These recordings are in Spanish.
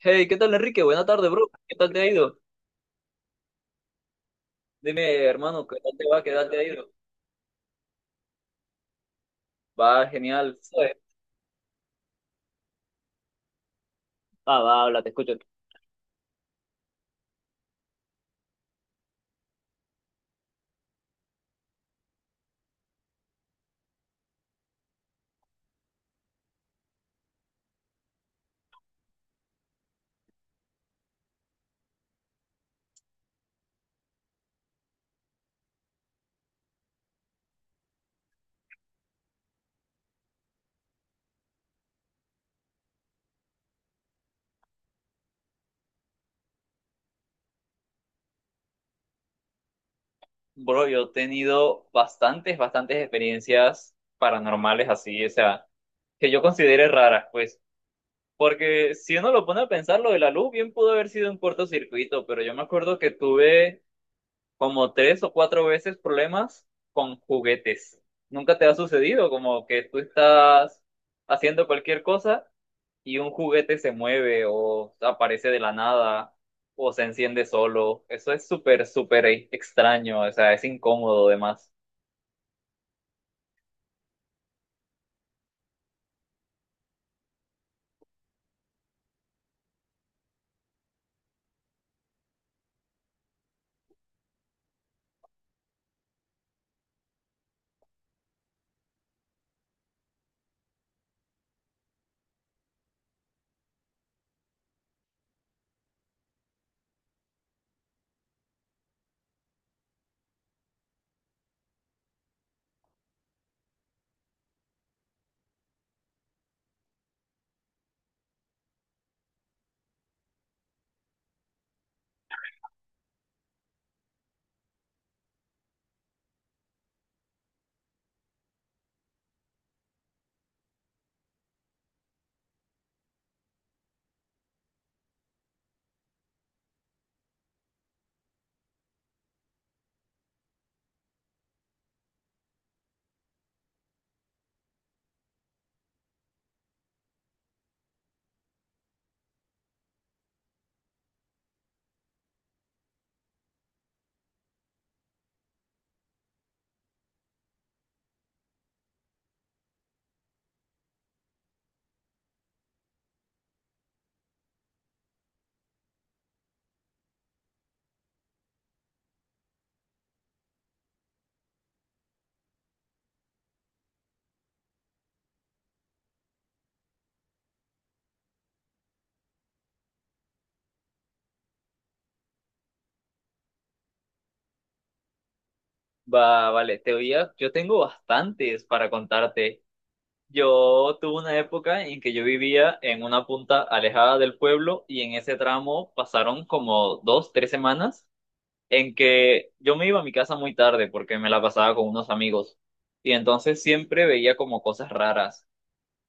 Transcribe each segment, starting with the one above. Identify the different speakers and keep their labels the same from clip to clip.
Speaker 1: Hey, ¿qué tal, Enrique? Buena tarde, bro. ¿Qué tal te ha ido? Dime, hermano, ¿qué tal te va? ¿Qué tal te ha ido? Va, genial. Joder. Ah, va, habla, te escucho. Bro, yo he tenido bastantes, bastantes experiencias paranormales así, o sea, que yo considere raras, pues. Porque si uno lo pone a pensar, lo de la luz bien pudo haber sido un cortocircuito, pero yo me acuerdo que tuve como tres o cuatro veces problemas con juguetes. ¿Nunca te ha sucedido como que tú estás haciendo cualquier cosa y un juguete se mueve o aparece de la nada o se enciende solo? Eso es súper, súper extraño, o sea, es incómodo además. Va, vale, yo tengo bastantes para contarte. Yo tuve una época en que yo vivía en una punta alejada del pueblo y en ese tramo pasaron como dos, tres semanas en que yo me iba a mi casa muy tarde porque me la pasaba con unos amigos y entonces siempre veía como cosas raras.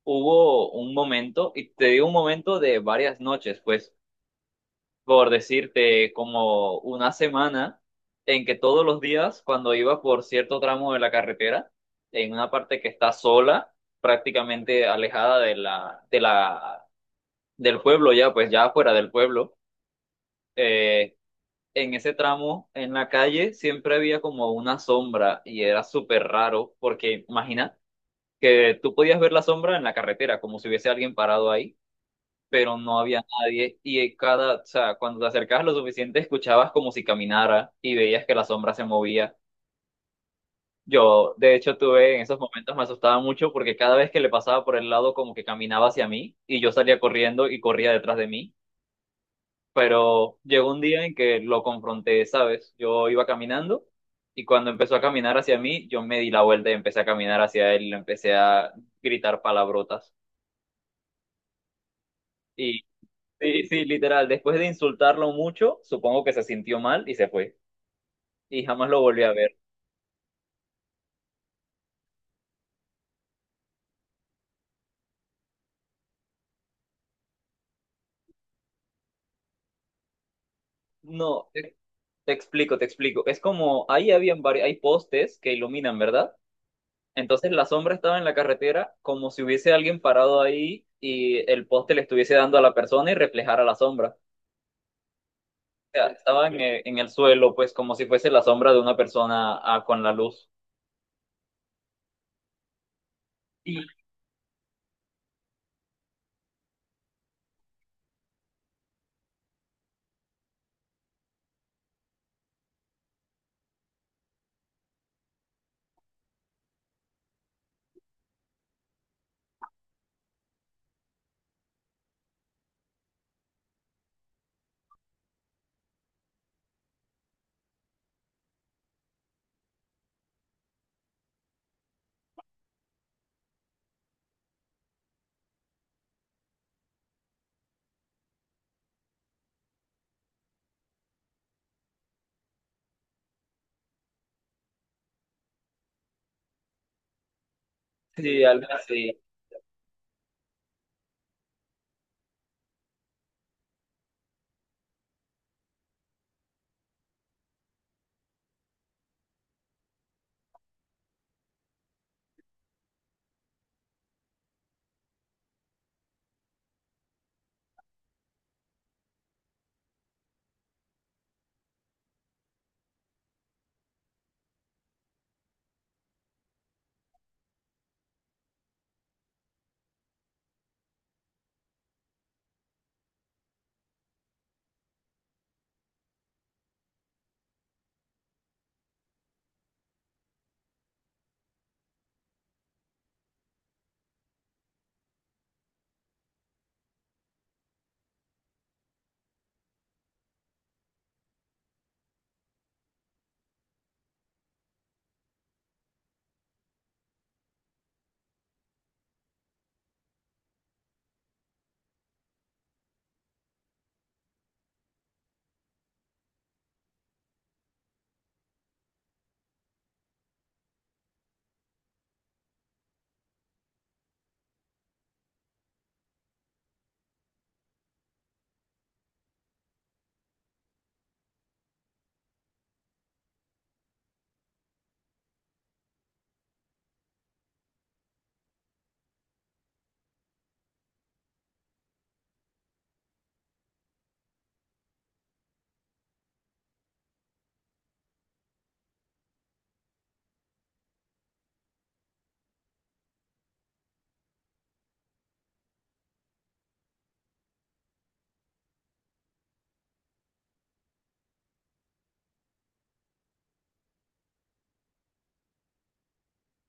Speaker 1: Hubo un momento, y te digo un momento de varias noches, pues, por decirte, como una semana en que todos los días, cuando iba por cierto tramo de la carretera, en una parte que está sola, prácticamente alejada de la, del pueblo ya, pues ya fuera del pueblo, eh, en ese tramo, en la calle, siempre había como una sombra y era súper raro porque imagina que tú podías ver la sombra en la carretera, como si hubiese alguien parado ahí, pero no había nadie y en cada, o sea, cuando te acercabas lo suficiente escuchabas como si caminara y veías que la sombra se movía. Yo, de hecho, tuve en esos momentos me asustaba mucho porque cada vez que le pasaba por el lado como que caminaba hacia mí y yo salía corriendo y corría detrás de mí, pero llegó un día en que lo confronté, ¿sabes? Yo iba caminando y cuando empezó a caminar hacia mí, yo me di la vuelta y empecé a caminar hacia él y le empecé a gritar palabrotas. Y sí, sí, literal, después de insultarlo mucho, supongo que se sintió mal y se fue. Y jamás lo volví a ver. No, te explico. Es como, ahí habían varios, hay postes que iluminan, ¿verdad? Entonces la sombra estaba en la carretera como si hubiese alguien parado ahí y el poste le estuviese dando a la persona y reflejara la sombra. Sea, estaban en el suelo, pues como si fuese la sombra de una persona, ah, con la luz. Y sí, algo así.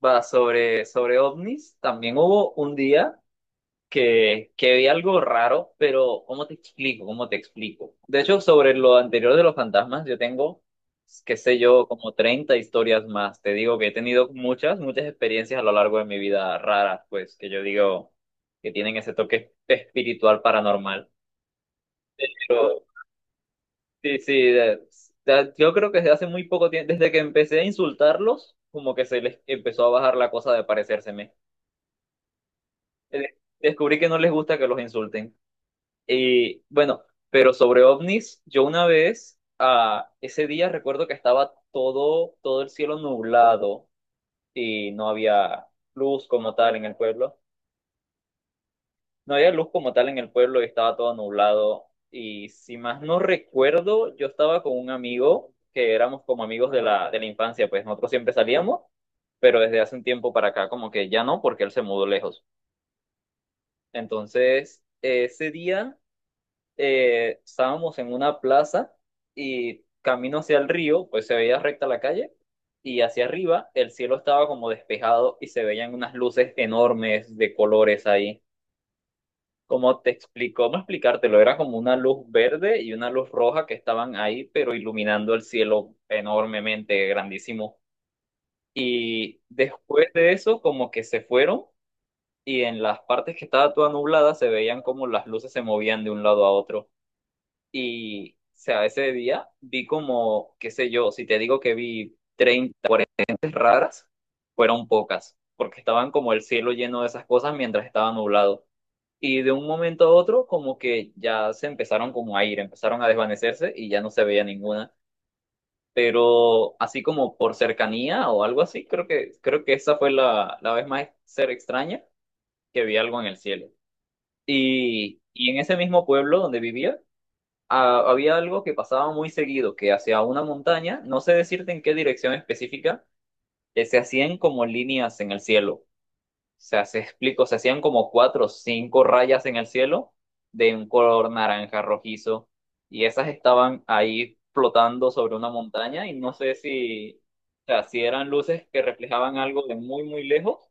Speaker 1: Va sobre, sobre ovnis. También hubo un día que vi algo raro, pero ¿cómo te explico? ¿Cómo te explico? De hecho, sobre lo anterior de los fantasmas, yo tengo, qué sé yo, como 30 historias más. Te digo que he tenido muchas, muchas experiencias a lo largo de mi vida raras, pues que yo digo que tienen ese toque espiritual paranormal. Pero sí, sí, yo creo que desde hace muy poco tiempo, desde que empecé a insultarlos, como que se les empezó a bajar la cosa de parecérseme. Descubrí que no les gusta que los insulten. Y bueno, pero sobre ovnis, yo una vez, ah, ese día recuerdo que estaba todo, todo el cielo nublado y no había luz como tal en el pueblo. No había luz como tal en el pueblo y estaba todo nublado. Y si más no recuerdo, yo estaba con un amigo que éramos como amigos de la infancia, pues nosotros siempre salíamos, pero desde hace un tiempo para acá como que ya no, porque él se mudó lejos. Entonces, ese día estábamos en una plaza y camino hacia el río, pues se veía recta la calle y hacia arriba el cielo estaba como despejado y se veían unas luces enormes de colores ahí, como te explicó, no explicártelo, era como una luz verde y una luz roja que estaban ahí, pero iluminando el cielo enormemente, grandísimo. Y después de eso, como que se fueron y en las partes que estaba toda nublada se veían como las luces se movían de un lado a otro. Y, o sea, ese día vi como, qué sé yo, si te digo que vi 30, luces raras, fueron pocas, porque estaban como el cielo lleno de esas cosas mientras estaba nublado. Y de un momento a otro, como que ya se empezaron como a ir, empezaron a desvanecerse y ya no se veía ninguna. Pero así como por cercanía o algo así, creo que esa fue la vez más ser extraña que vi algo en el cielo. Y en ese mismo pueblo donde vivía, ah, había algo que pasaba muy seguido, que hacia una montaña, no sé decirte en qué dirección específica, se hacían como líneas en el cielo, sea, se explico, se hacían como cuatro o cinco rayas en el cielo de un color naranja rojizo y esas estaban ahí flotando sobre una montaña y no sé si, o sea, si eran luces que reflejaban algo de muy, muy lejos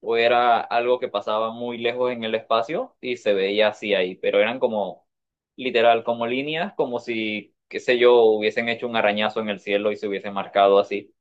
Speaker 1: o era algo que pasaba muy lejos en el espacio y se veía así ahí, pero eran como literal, como líneas, como si, qué sé yo, hubiesen hecho un arañazo en el cielo y se hubiese marcado así.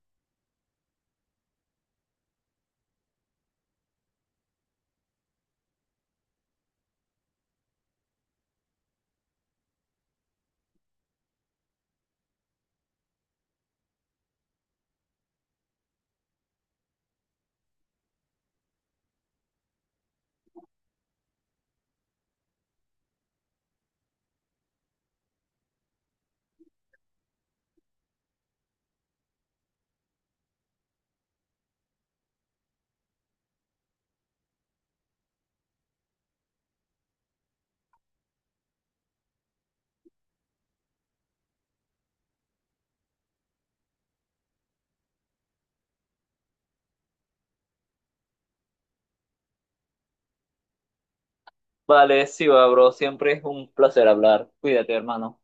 Speaker 1: Vale, sí, va, bro, siempre es un placer hablar. Cuídate, hermano.